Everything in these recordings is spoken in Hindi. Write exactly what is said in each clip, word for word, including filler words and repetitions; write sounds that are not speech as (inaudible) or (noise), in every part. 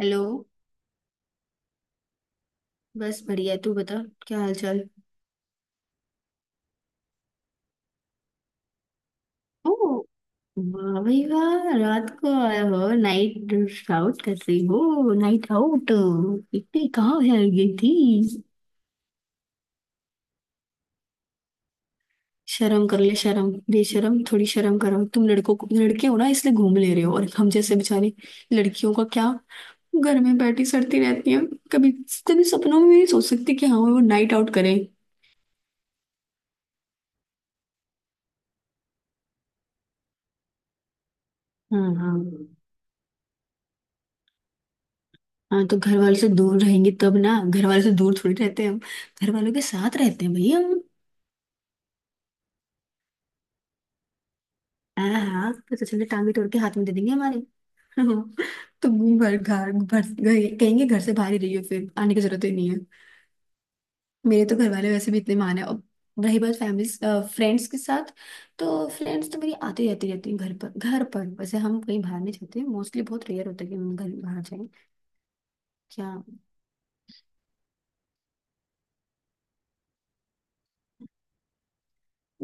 हेलो। बस बढ़िया। तू बता क्या हाल चाल। ओ। वाह भाई वाह। रात को आया हो नाइट आउट कर रही हो नाइट आउट। इतनी कहाँ है गई थी। शर्म कर ले शर्म। बेशर्म थोड़ी शर्म करो तुम लड़कों को, लड़के हो ना इसलिए घूम ले रहे हो और हम जैसे बेचारी लड़कियों का क्या। घर में बैठी सड़ती रहती है। कभी कभी सपनों में भी नहीं सोच सकती कि हाँ वो नाइट आउट करें। हाँ हाँ। हाँ तो घर वालों से दूर रहेंगे तब ना। घर वालों से दूर थोड़ी रहते हैं हम। घर वालों के साथ रहते हैं भैया हम। हाँ हाँ, पता चले टांगे तोड़ के हाथ में दे देंगे हमारे। (laughs) तो घर घर घर कहेंगे घर से बाहर ही रहियो फिर आने की जरूरत ही नहीं है। मेरे तो घर वाले वैसे भी इतने माने। और रही बात फैमिली फ्रेंड्स के साथ तो फ्रेंड्स तो मेरी आती जाती रहती है घर पर। घर पर वैसे हम कहीं बाहर नहीं जाते, मोस्टली बहुत रेयर होता है कि हम घर बाहर जाएं। क्या।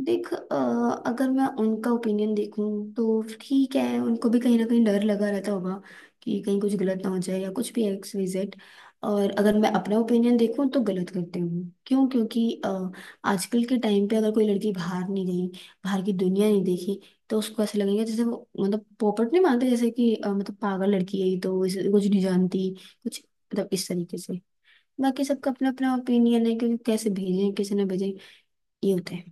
देख, अ, अगर मैं उनका ओपिनियन देखूं तो ठीक है, उनको भी कहीं ना कहीं डर लगा रहता होगा कि कहीं कुछ गलत ना हो जाए या कुछ भी एक्स वाई जेड। और अगर मैं अपना ओपिनियन देखूं तो गलत करते हूँ क्यों, क्योंकि अ, आजकल के टाइम पे अगर कोई लड़की बाहर नहीं गई, बाहर की दुनिया नहीं देखी, तो उसको ऐसा लगेगा जैसे वो मतलब पोपट नहीं मानते, जैसे कि अ, मतलब पागल लड़की है ये, तो इसे कुछ नहीं जानती, कुछ मतलब इस तरीके से। बाकी सबका अपना अपना ओपिनियन है क्योंकि कैसे भेजें कैसे ना भेजें ये होता है।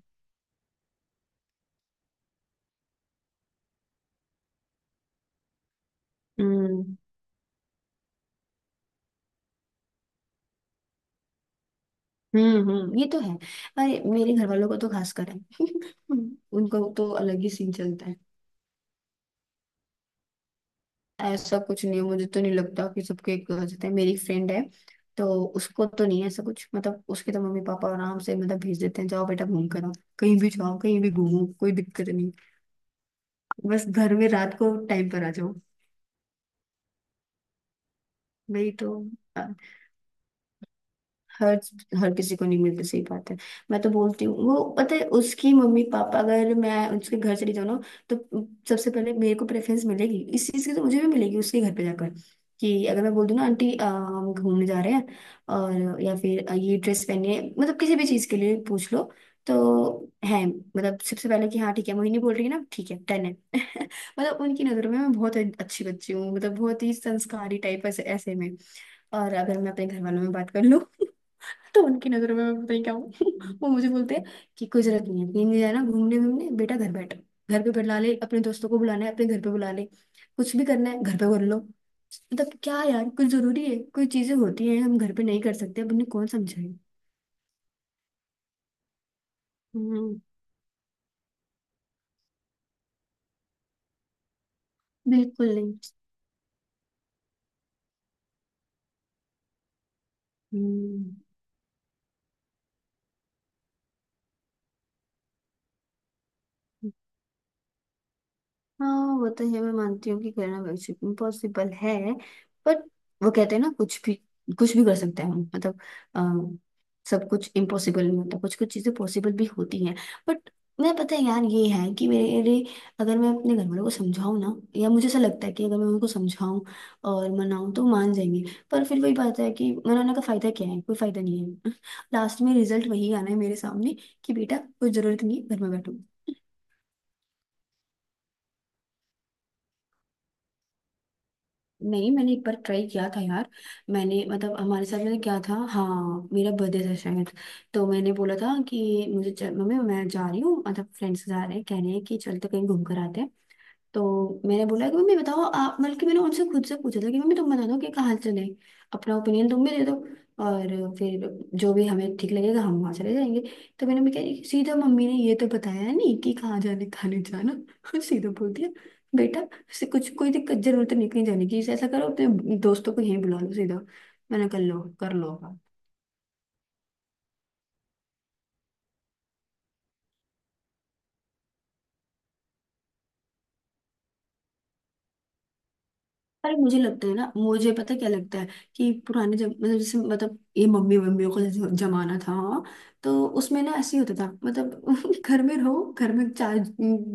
हम्म। हम्म। हम्म, ये तो है। अरे मेरे घर वालों को तो खास कर है। (laughs) उनको तो अलग ही सीन चलता है। ऐसा कुछ नहीं है, मुझे तो नहीं लगता कि सबके एक हो जाते हैं। मेरी फ्रेंड है तो उसको तो नहीं है ऐसा कुछ, मतलब उसके तो मम्मी पापा आराम से मतलब भेज देते हैं, जाओ बेटा घूम कर आओ, कहीं भी जाओ कहीं भी घूमो कोई दिक्कत नहीं, बस घर में रात को टाइम पर आ जाओ। वही तो। हर हर किसी को नहीं मिलती, सही बात है। मैं तो बोलती हूँ, वो पता है उसकी मम्मी पापा, अगर मैं उसके घर चली जाऊँ ना तो सबसे पहले मेरे को प्रेफरेंस मिलेगी इस चीज़ की, तो मुझे भी मिलेगी उसके घर पे जाकर। कि अगर मैं बोल दूँ ना आंटी अ, हम घूमने जा रहे हैं, और या फिर अ, ये ड्रेस पहनिए, मतलब किसी भी चीज़ के लिए पूछ लो तो है, मतलब सबसे पहले कि हाँ ठीक है मोहिनी बोल रही है ना ठीक है डन है। (laughs) मतलब उनकी नज़रों में मैं बहुत अच्छी बच्ची हूँ, मतलब बहुत ही संस्कारी टाइप, ऐसे ऐसे में। और अगर मैं अपने घर वालों में बात कर लूँ तो उनकी नजरों में मैं पता नहीं क्या हूँ। (laughs) वो मुझे बोलते हैं कि कोई जरूरत नहीं है, कहीं नहीं जाना घूमने घूमने, बेटा घर बैठ, घर पे बुला ले अपने दोस्तों को, बुलाना है अपने घर पे बुला ले, कुछ भी करना है घर पे कर लो। मतलब क्या यार, कुछ जरूरी है कोई चीजें होती हैं हम घर पे नहीं कर सकते, अब उन्हें कौन समझाए। हम्म। बिल्कुल नहीं। हम्म। हाँ, वो तो ये मैं मानती हूँ कि करना वर्कशिप इम्पॉसिबल है, बट वो कहते हैं ना कुछ भी कुछ भी कर सकते हैं हम, मतलब अ, सब कुछ इम्पॉसिबल नहीं होता, कुछ कुछ चीजें पॉसिबल भी होती हैं, बट मैं पता है यार ये है कि मेरे, अगर मैं अपने घर वालों को समझाऊँ ना, या मुझे ऐसा लगता है कि अगर मैं उनको समझाऊँ और मनाऊँ तो मान जाएंगे। पर फिर वही बात है कि मनाने का फायदा क्या है, कोई फायदा नहीं है। (laughs) लास्ट में रिजल्ट वही आना है मेरे सामने कि बेटा कोई जरूरत नहीं है घर में बैठो। नहीं, मैंने एक बार ट्राई किया था यार। मैंने मतलब हमारे साथ मैंने क्या था, हाँ मेरा बर्थडे था शायद। तो मैंने बोला था कि मुझे चल, मम्मी मैं जा रही हूँ, मतलब फ्रेंड्स जा रहे हैं कह रहे हैं कि चलते कहीं घूम कर आते हैं। तो मैंने बोला कि मम्मी बताओ आप, बल्कि मैंने उनसे खुद से पूछा था कि मम्मी तुम बता दो कि कहाँ चले, अपना ओपिनियन तुम भी दे दो, और फिर जो भी हमें ठीक लगेगा हम वहाँ चले जाएंगे। तो मैंने मैं कह सीधा मम्मी ने ये तो बताया नहीं कि कहाँ जाने खाने जाना। (laughs) सीधा बोल दिया बेटा से, कुछ कोई दिक्कत जरूरत नहीं कहीं जाने की, ऐसा करो अपने दोस्तों को यहीं बुला लो सीधा। मैंने कर लो कर लो। अरे मुझे लगता है ना, मुझे पता क्या लगता है कि पुराने जब मतलब जैसे मतलब ये मम्मी मम्मियों का जो जमाना था हाँ, तो उसमें ना ऐसे ही होता था मतलब, (laughs) घर में रहो घर में चार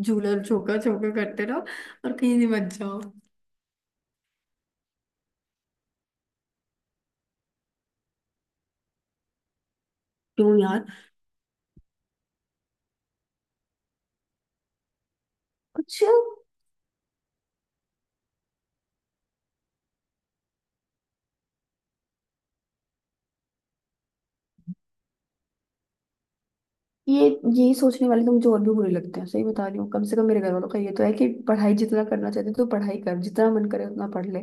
झूला झोंका झोंका करते रहो और कहीं नहीं मत जाओ। क्यों यार। कुछ ये ये सोचने वाले तो मुझे और भी बुरे लगते हैं, सही बता रही हूँ, कम से कम मेरे घर वालों का ये तो है कि पढ़ाई जितना करना चाहते तो पढ़ाई कर, जितना मन करे उतना पढ़ ले।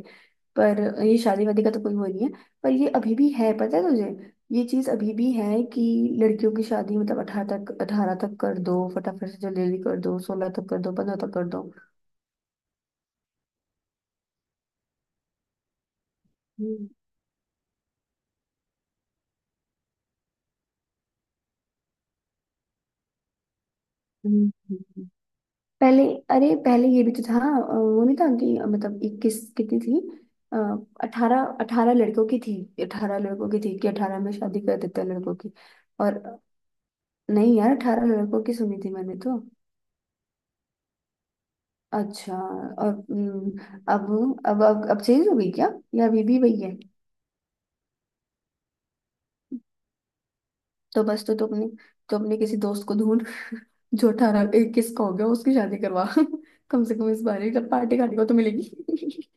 पर ये शादी वादी का तो कोई वो नहीं है। पर ये अभी भी है, पता है तुझे, ये चीज अभी भी है कि लड़कियों की शादी मतलब अठारह तक अठारह तक कर दो, फटाफट से जल्दी जल्दी कर दो, सोलह तक कर दो, पंद्रह तक कर दो। हम्म, हम्म, हम्म। पहले अरे पहले ये भी तो था, अ, वो नहीं था कि, अ, मतलब इक्कीस कितनी थी, अठारह, अठारह लड़कों की थी, अठारह लड़कों की थी कि अठारह में शादी कर देते हैं लड़कों की, और नहीं यार अठारह लड़कों की सुनी थी मैंने तो। अच्छा, और हम्म, अब अब अब अब चेंज हो गई क्या, या अभी भी वही है। तो बस, तो तुमने, तो अपने किसी दोस्त को ढूंढ जो अठारह इक्कीस का हो गया, उसकी शादी करवा, (laughs) कम से कम इस बार ही पार्टी खाने को तो मिलेगी।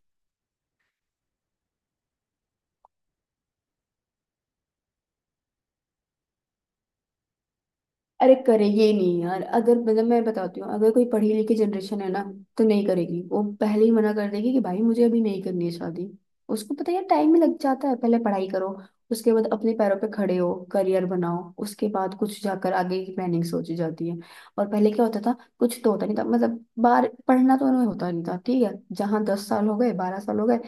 अरे करे ये नहीं यार, अगर मतलब मैं बताती हूँ, अगर कोई पढ़ी लिखी जनरेशन है ना तो नहीं करेगी, वो पहले ही मना कर देगी कि भाई मुझे अभी नहीं करनी है शादी। उसको पता है टाइम ही लग जाता है, पहले पढ़ाई करो, उसके बाद अपने पैरों पे खड़े हो करियर बनाओ, उसके बाद कुछ जाकर आगे की प्लानिंग सोची जाती है। और पहले क्या होता था, कुछ तो होता नहीं था, मतलब बार पढ़ना तो उन्हें होता नहीं था ठीक है, जहाँ दस साल हो गए बारह साल हो गए,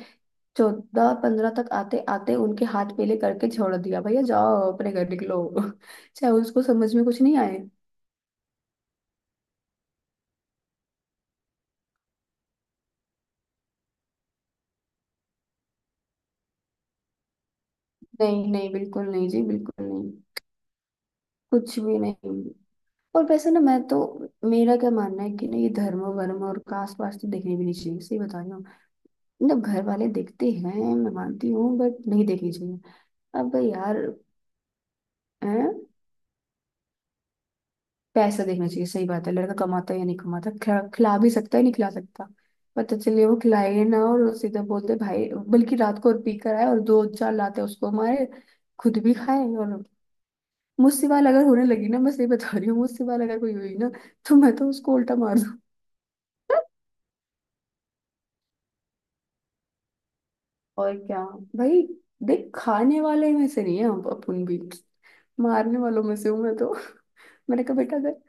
चौदह पंद्रह तक आते आते उनके हाथ पीले करके छोड़ दिया भैया, जाओ अपने घर निकलो। (laughs) चाहे उसको समझ में कुछ नहीं आए। नहीं नहीं बिल्कुल नहीं जी, बिल्कुल नहीं। कुछ भी नहीं। और वैसे ना, मैं तो, मेरा क्या मानना है कि ना, ये धर्म वर्म और कास्ट वास्ट तो देखने भी नहीं चाहिए, सही बता रही हूँ, मतलब घर वाले देखते हैं मैं मानती हूँ, बट नहीं देखनी चाहिए। अब यार। हैं? पैसा देखना चाहिए, सही बात है, लड़का कमाता है या नहीं कमाता, खिला, खिला भी सकता है नहीं खिला सकता। पता चले वो खिलाए ना, और सीधा बोलते भाई, बल्कि रात को और पी कर आए और दो चार लाते उसको मारे, खुद भी खाए और मुझसे बाल अगर होने लगी ना, मैं सही बता रही हूँ, मुझसे बाल अगर कोई हुई ना तो मैं तो उसको उल्टा मार दूँ। (laughs) और क्या भाई। देख खाने वाले में से नहीं है हम, अपन भी मारने वालों में से हूँ मैं तो। (laughs) मैंने कहा बेटा, अगर,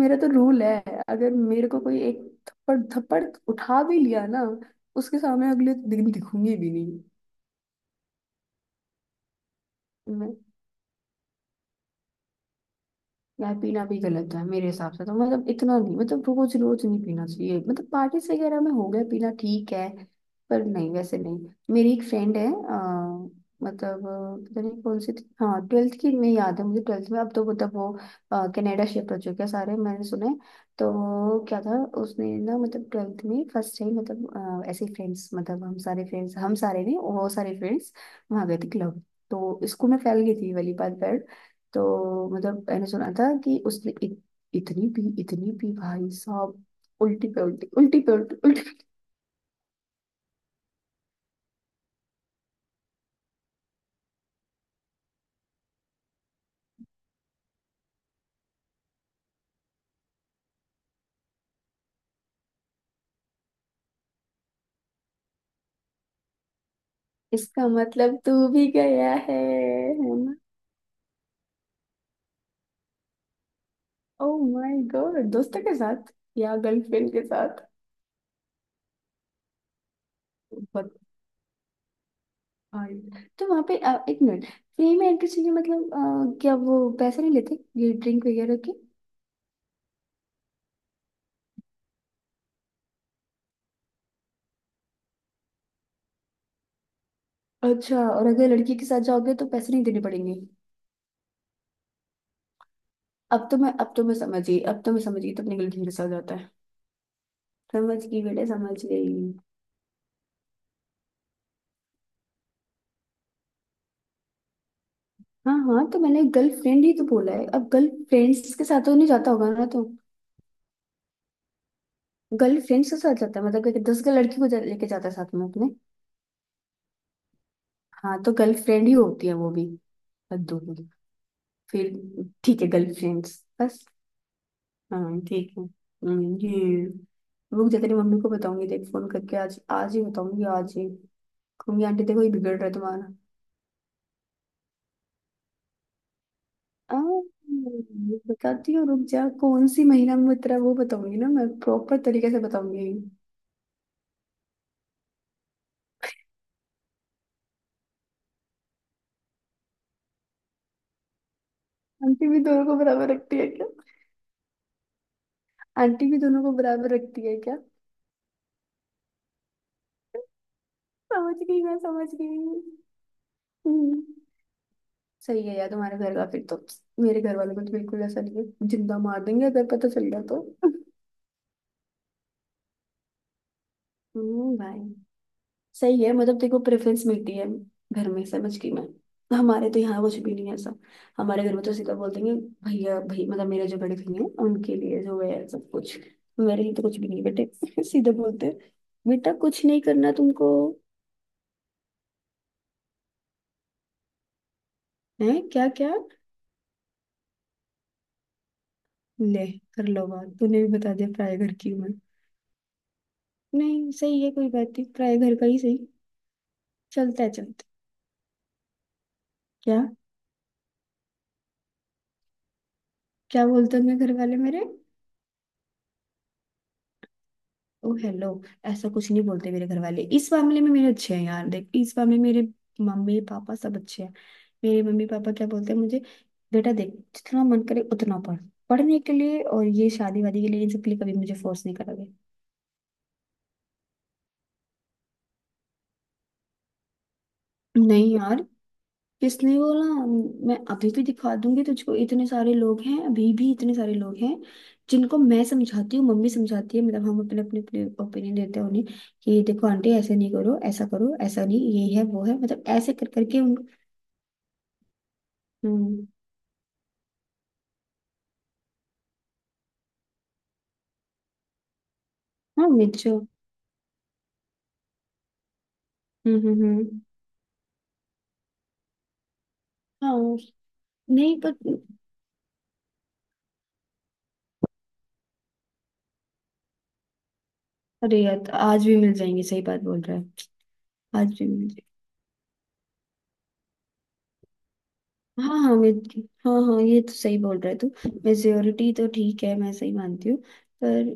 मेरा तो रूल है, अगर मेरे को कोई एक थप्पड़ थप्पड़ उठा भी लिया ना, उसके सामने अगले दिन दिखूंगी भी नहीं। मैं। यार पीना भी गलत है मेरे हिसाब से तो, मतलब इतना नहीं, मतलब रोज रोज नहीं पीना चाहिए, मतलब पार्टीज वगैरह में हो गया पीना ठीक है, पर नहीं वैसे नहीं। मेरी एक फ्रेंड है अ, मतलब अ, पता नहीं कौन सी थी, हाँ ट्वेल्थ की, में याद है मुझे ट्वेल्थ में, अब तो मतलब वो अ, कनाडा शिफ्ट हो चुके हैं सारे मैंने सुना है। तो क्या था उसने ना, मतलब ट्वेल्थ में फर्स्ट टाइम, मतलब अ, ऐसे फ्रेंड्स, मतलब हम सारे फ्रेंड्स, हम सारे नहीं वो सारे फ्रेंड्स वहाँ गए थे क्लब, तो स्कूल में फैल गई थी ये वाली बात। तो मतलब मैंने सुना था कि उसने इत, इतनी पी इतनी पी भाई साहब, उल्टी पे उल्टी उल्टी पे उल्टी उल्टी। इसका मतलब तू भी गया है है ना। ओ माय गॉड, दोस्तों के साथ या गर्लफ्रेंड के साथ? बहुत भाई। तो वहां पे अ, एक मिनट, फ्री में एंट्री चाहिए मतलब अ, क्या वो पैसे नहीं लेते ये ड्रिंक वगैरह के? अच्छा, और अगर लड़की के साथ जाओगे तो पैसे नहीं देने पड़ेंगे? अब तो मैं अब तो मैं समझ गई, अब तो मैं समझ गई, तो अपने गर्लफ्रेंड के साथ जाता है। समझ गई बेटे, समझ गई। हाँ हाँ तो मैंने गर्लफ्रेंड ही तो बोला है, अब गर्लफ्रेंड्स के साथ तो नहीं जाता होगा ना तो। गर्लफ्रेंड्स के साथ जाता है मतलब कि दस का लड़की को जा, लेके जाता है साथ में अपने। हाँ तो गर्लफ्रेंड ही होती है वो भी। हद्दों की। फिर ठीक है गर्लफ्रेंड्स बस। हाँ ठीक है। हम्म, ये रुक जा तेरी मम्मी को बताऊंगी देख फोन करके, आज आज ही बताऊंगी आज ही, कहूंगी आंटी देखो ये बिगड़ रहा है तुम्हारा। आ, बताती हूँ रुक जा, कौन सी महीना में उतरा वो बताऊंगी ना, मैं प्रॉपर तरीके से बताऊंगी। आंटी भी दोनों को बराबर रखती है क्या? आंटी भी दोनों को बराबर रखती है क्या? समझ गई, मैं समझ गई। हम्म, सही है यार तुम्हारे घर का फिर तो। मेरे घर वालों को तो बिल्कुल ऐसा नहीं है, जिंदा मार देंगे अगर पता चल गया तो। हम्म भाई, सही है, मतलब देखो प्रेफरेंस मिलती है घर में, समझ गई मैं। हमारे तो यहाँ कुछ भी नहीं है ऐसा। हमारे घर में तो सीधा बोल देंगे, भैया भाई मतलब, मेरे जो बड़े भैया हैं उनके लिए जो है सब कुछ, मेरे लिए तो कुछ भी नहीं बेटे। (laughs) सीधा बोलते हैं बेटा कुछ नहीं करना तुमको। है क्या? क्या ले, कर लो बात, तूने भी बता दिया प्राय घर की उम्र। नहीं सही है कोई बात नहीं, प्राय घर का ही सही। चलता है, चलता है। क्या? क्या बोलते हैं मेरे घर वाले मेरे? ओ हेलो, ऐसा कुछ नहीं बोलते मेरे घर वाले, इस मामले में मेरे अच्छे हैं यार देख, इस मामले में मेरे मम्मी पापा सब अच्छे हैं। मेरे मम्मी पापा क्या बोलते हैं मुझे, बेटा देख, जितना मन करे उतना पढ़, पढ़ने के लिए, और ये शादी वादी के लिए इन सब के लिए कभी मुझे फोर्स नहीं करोगे। नहीं यार, किसने बोला। मैं अभी भी दिखा दूंगी तुझको इतने सारे लोग हैं अभी भी, इतने सारे लोग हैं जिनको मैं समझाती हूँ, मम्मी समझाती है, मतलब हम अपने अपने अपने ओपिनियन देते हैं उन्हें, कि देखो आंटी ऐसे नहीं करो ऐसा करो, ऐसा नहीं ये है वो है, मतलब ऐसे कर करके उन। हम्म। हाँ मिर्चो। हम्म हम्म हम्म। हाँ। नहीं पर। अरे यार तो आज भी मिल जाएंगे, सही बात बोल रहा है। आज भी मिल जाएंगे। हाँ हाँ मिर्च। हाँ हाँ, ये तो सही बोल रहा है तू। मेजोरिटी तो ठीक है, मैं सही मानती हूँ। पर,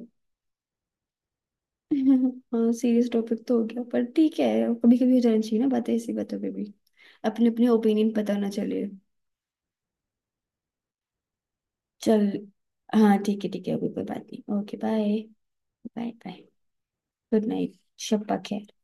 (laughs) हाँ सीरियस टॉपिक तो हो गया पर ठीक है, कभी कभी हो जाना चाहिए ना बातें ऐसी बातों पे भी, अपने अपने ओपिनियन पता ना चले। चल हाँ ठीक है ठीक है, अभी कोई बात नहीं, okay bye. Bye bye. Good night. शब्बा खैर।